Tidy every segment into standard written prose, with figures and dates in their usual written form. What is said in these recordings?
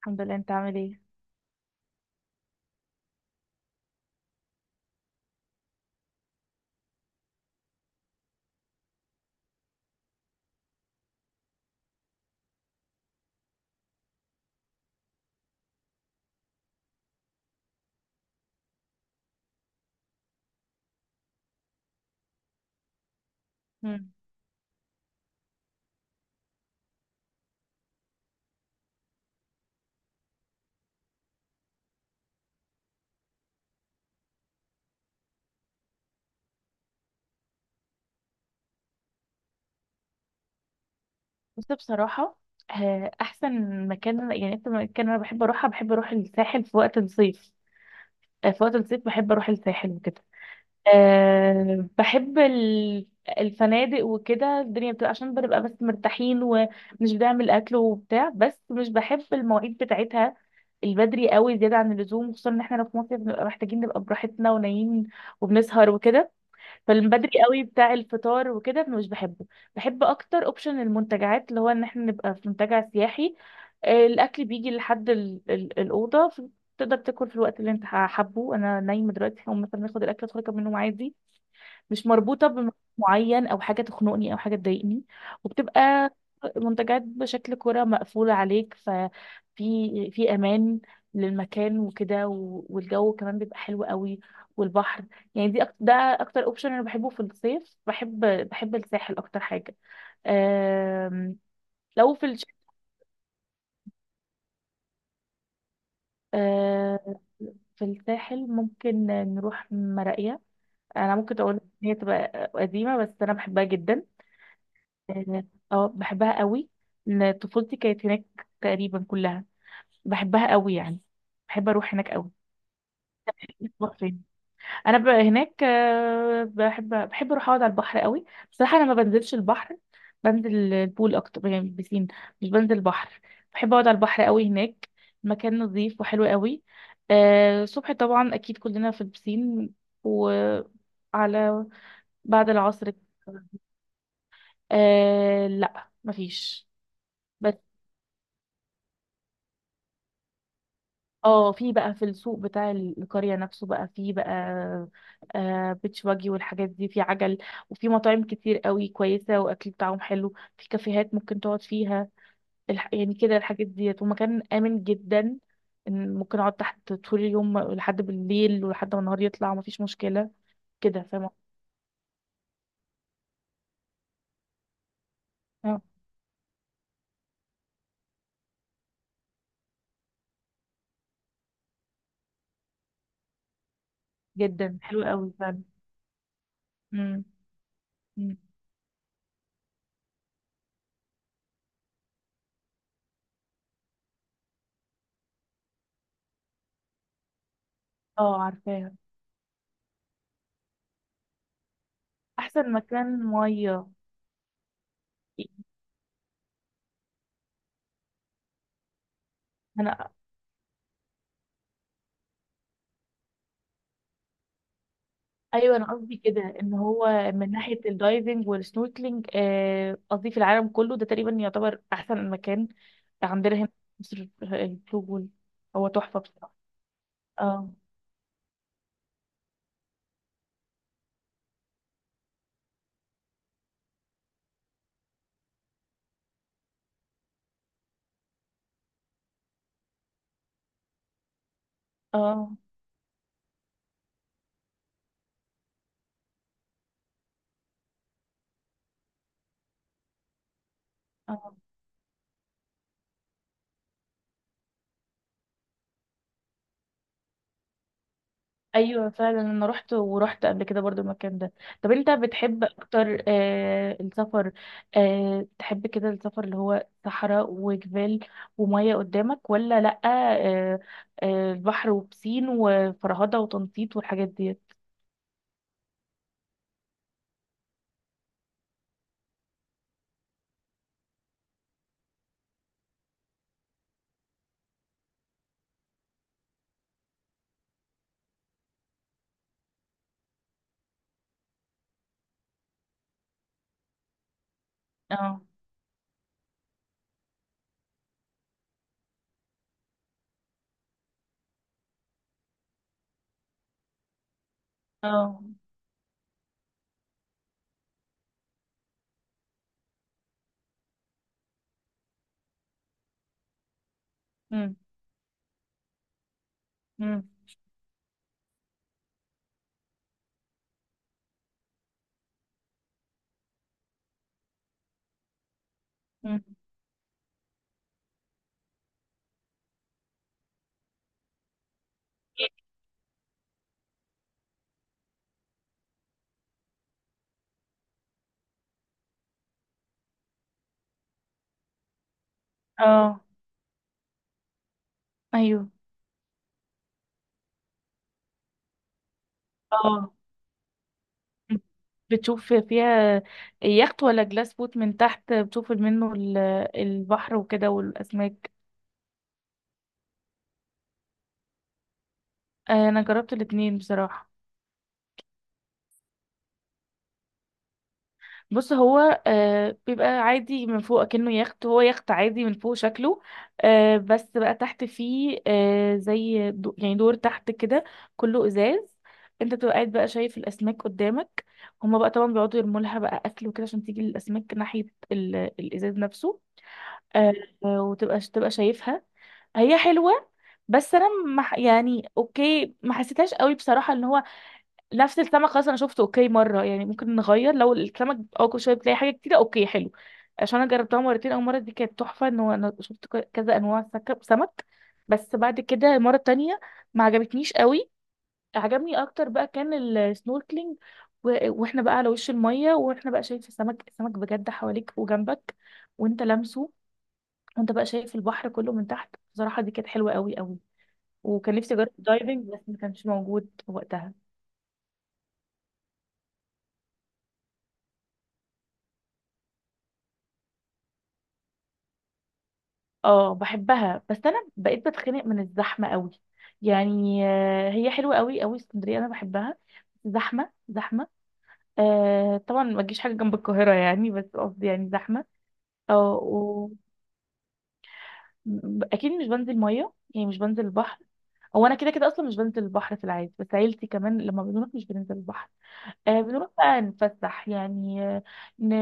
الحمد لله، انت عامل ايه؟ مم. بص، بصراحة احسن مكان، يعني انت مكان، انا بحب اروح الساحل في وقت الصيف. في وقت الصيف بحب اروح الساحل وكده. بحب الفنادق وكده. الدنيا بتبقى، عشان بنبقى بس مرتاحين ومش بنعمل اكل وبتاع، بس مش بحب المواعيد بتاعتها البدري قوي زيادة عن اللزوم، خصوصا ان احنا لو في مصر بنبقى محتاجين نبقى براحتنا ونايمين وبنسهر وكده. فالبدري قوي بتاع الفطار وكده مش بحبه. بحب اكتر اوبشن المنتجعات، اللي هو ان احنا نبقى في منتجع سياحي. الاكل بيجي لحد الاوضه. تقدر تاكل في الوقت اللي انت حابه. انا نايمه دلوقتي هقوم مثلا اخد الاكل ادخل اكمل نوم عادي. مش مربوطة بمكان معين أو حاجة تخنقني أو حاجة تضايقني. وبتبقى منتجات بشكل كرة مقفولة عليك. ففي أمان للمكان وكده، والجو كمان بيبقى حلو قوي والبحر. يعني دي أكتر، ده أكتر أوبشن أنا بحبه في الصيف. بحب الساحل أكتر حاجة. أم... لو في الش... أم... في الساحل ممكن نروح مراقية. أنا ممكن أقول إن هي تبقى قديمة، بس أنا بحبها جدا. اه. بحبها قوي. إن طفولتي كانت هناك تقريبا كلها، بحبها قوي يعني. بحب اروح هناك قوي. بروح فين؟ انا هناك بحب اروح اقعد على البحر قوي. بصراحه انا ما بنزلش البحر. بنزل البول اكتر، يعني البسين. مش بنزل البحر. بحب اقعد على البحر قوي هناك. مكان نظيف وحلو قوي. الصبح طبعا اكيد كلنا في البسين، وعلى بعد العصر. لا، مفيش. اه، في بقى، في السوق بتاع القرية نفسه بقى، في بقى بيتش باجي والحاجات دي، في عجل. وفي مطاعم كتير قوي كويسة، واكل بتاعهم حلو. في كافيهات ممكن تقعد فيها. يعني كده الحاجات ديت، ومكان آمن جدا. إن ممكن اقعد تحت طول اليوم لحد بالليل، ولحد ما النهار يطلع، ومفيش مشكلة كده، فاهمة؟ اه، جدا حلو قوي فعلا. مم. مم. اه، عارفاها. احسن مكان مية، أنا… ايوه، انا قصدي كده ان هو من ناحيه الدايفنج والسنوركلينج. قصدي في العالم كله، ده تقريبا يعتبر احسن مكان عندنا هنا في مصر، البلو هول. هو تحفه بصراحه. اه. اه. اه. ايوه فعلا، انا رحت، ورحت قبل كده برضو المكان ده. طب انت بتحب اكتر السفر، تحب كده السفر اللي هو صحراء وجبال وميه قدامك، ولا لأ؟ البحر وبسين وفرهدة وتنطيط والحاجات دي؟ اه. اه. امم. امم. امم. اه. ايوه. اه. مم. بتشوف فيها يخت، ولا جلاس بوت من تحت بتشوف منه البحر وكده والاسماك؟ انا جربت الاتنين بصراحة. بص، هو بيبقى عادي من فوق كأنه يخت. هو يخت عادي من فوق شكله. بس بقى تحت فيه، زي يعني دور تحت كده، كله ازاز. انت بتبقى قاعد بقى شايف الاسماك قدامك. هما بقى طبعا بيقعدوا يرموا لها بقى اكل وكده، عشان تيجي الاسماك ناحية الازاز نفسه. آه. وتبقى شايفها. هي حلوة. بس انا ما ح- يعني اوكي، ما حسيتهاش قوي بصراحة. ان هو نفس السمك خلاص، انا شفته اوكي مره. يعني ممكن نغير لو السمك، اه، كل شويه بتلاقي حاجه جديده، اوكي حلو. عشان انا جربتها مرتين. اول مره دي كانت تحفه، ان هو انا شفت كذا انواع سمك. بس بعد كده المره التانية ما عجبتنيش قوي. عجبني اكتر بقى كان السنوركلينج، و... واحنا بقى على وش الميه، واحنا بقى شايف السمك. السمك بجد حواليك وجنبك، وانت لامسه. وانت بقى شايف البحر كله من تحت. بصراحه دي كانت حلوه قوي قوي. وكان نفسي اجرب دايفنج، بس ما كانش موجود وقتها. اه، بحبها، بس انا بقيت بتخنق من الزحمه قوي. يعني هي حلوه قوي قوي اسكندريه، انا بحبها، بس زحمه زحمه. طبعا ما تجيش حاجه جنب القاهره يعني، بس قصدي يعني زحمه. اه. اكيد مش بنزل ميه، يعني مش بنزل البحر. هو انا كده كده اصلا مش بنزل البحر في العادي، بس عيلتي كمان لما بنروح مش بننزل البحر. بنروح بقى نتفسح يعني. ن-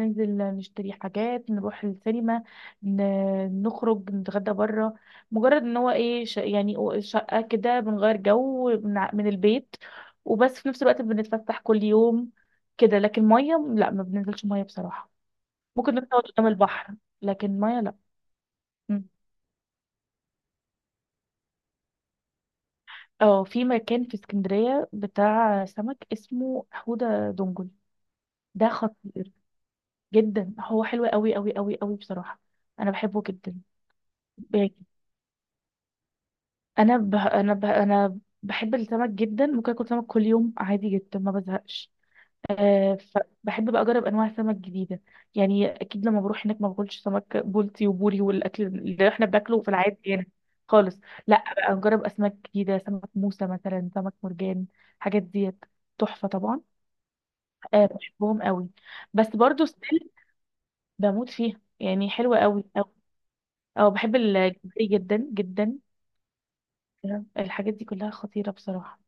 ننزل نشتري حاجات، نروح السينما. نخرج نتغدى بره. مجرد ان هو ايه، يعني شقة كده، بنغير جو من البيت. وبس في نفس الوقت بنتفسح كل يوم كده، لكن مية لا، ما بننزلش مية بصراحة. ممكن نروح نقعد قدام البحر، لكن مية لا. م. اه، في مكان في اسكندرية بتاع سمك اسمه حودة دنجل. ده خطير جدا. هو حلو قوي قوي قوي قوي بصراحة، انا بحبه جدا. ب- انا بحب السمك جدا، ممكن اكل سمك كل يوم عادي جدا، ما بزهقش. أه. فبحب بقى اجرب انواع سمك جديده. يعني اكيد لما بروح هناك ما باكلش سمك بولتي وبوري والاكل اللي احنا بناكله في العادي يعني، خالص. لا، بقى اجرب اسماك جديده، سمك موسى مثلا، سمك مرجان، حاجات ديت تحفه طبعا. أه، بحبهم قوي. بس برضو ستيل، بموت فيها يعني، حلوه قوي. اه، بحب الجمبري جدا جدا. الحاجات دي كلها خطيرة بصراحة.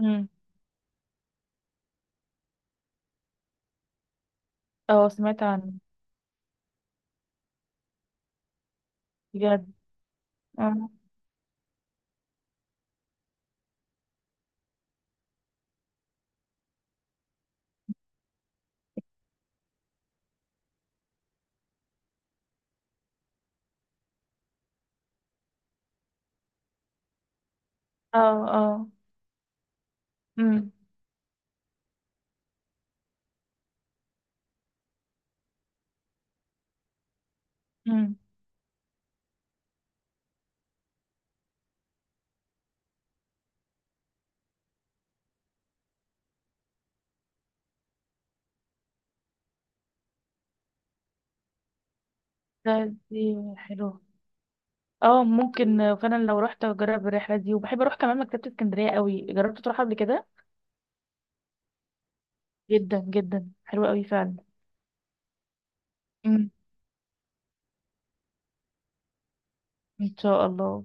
امم. اه، سمعت عنه. بجد؟ اه. اه. اه. امم. امم. ده، دي حلوة. اه، ممكن فعلا لو رحت اجرب الرحلة دي، وبحب اروح كمان مكتبة اسكندرية قوي. جربت تروح قبل كده؟ جدا جدا حلوة قوي فعلا. امم. ان شاء الله.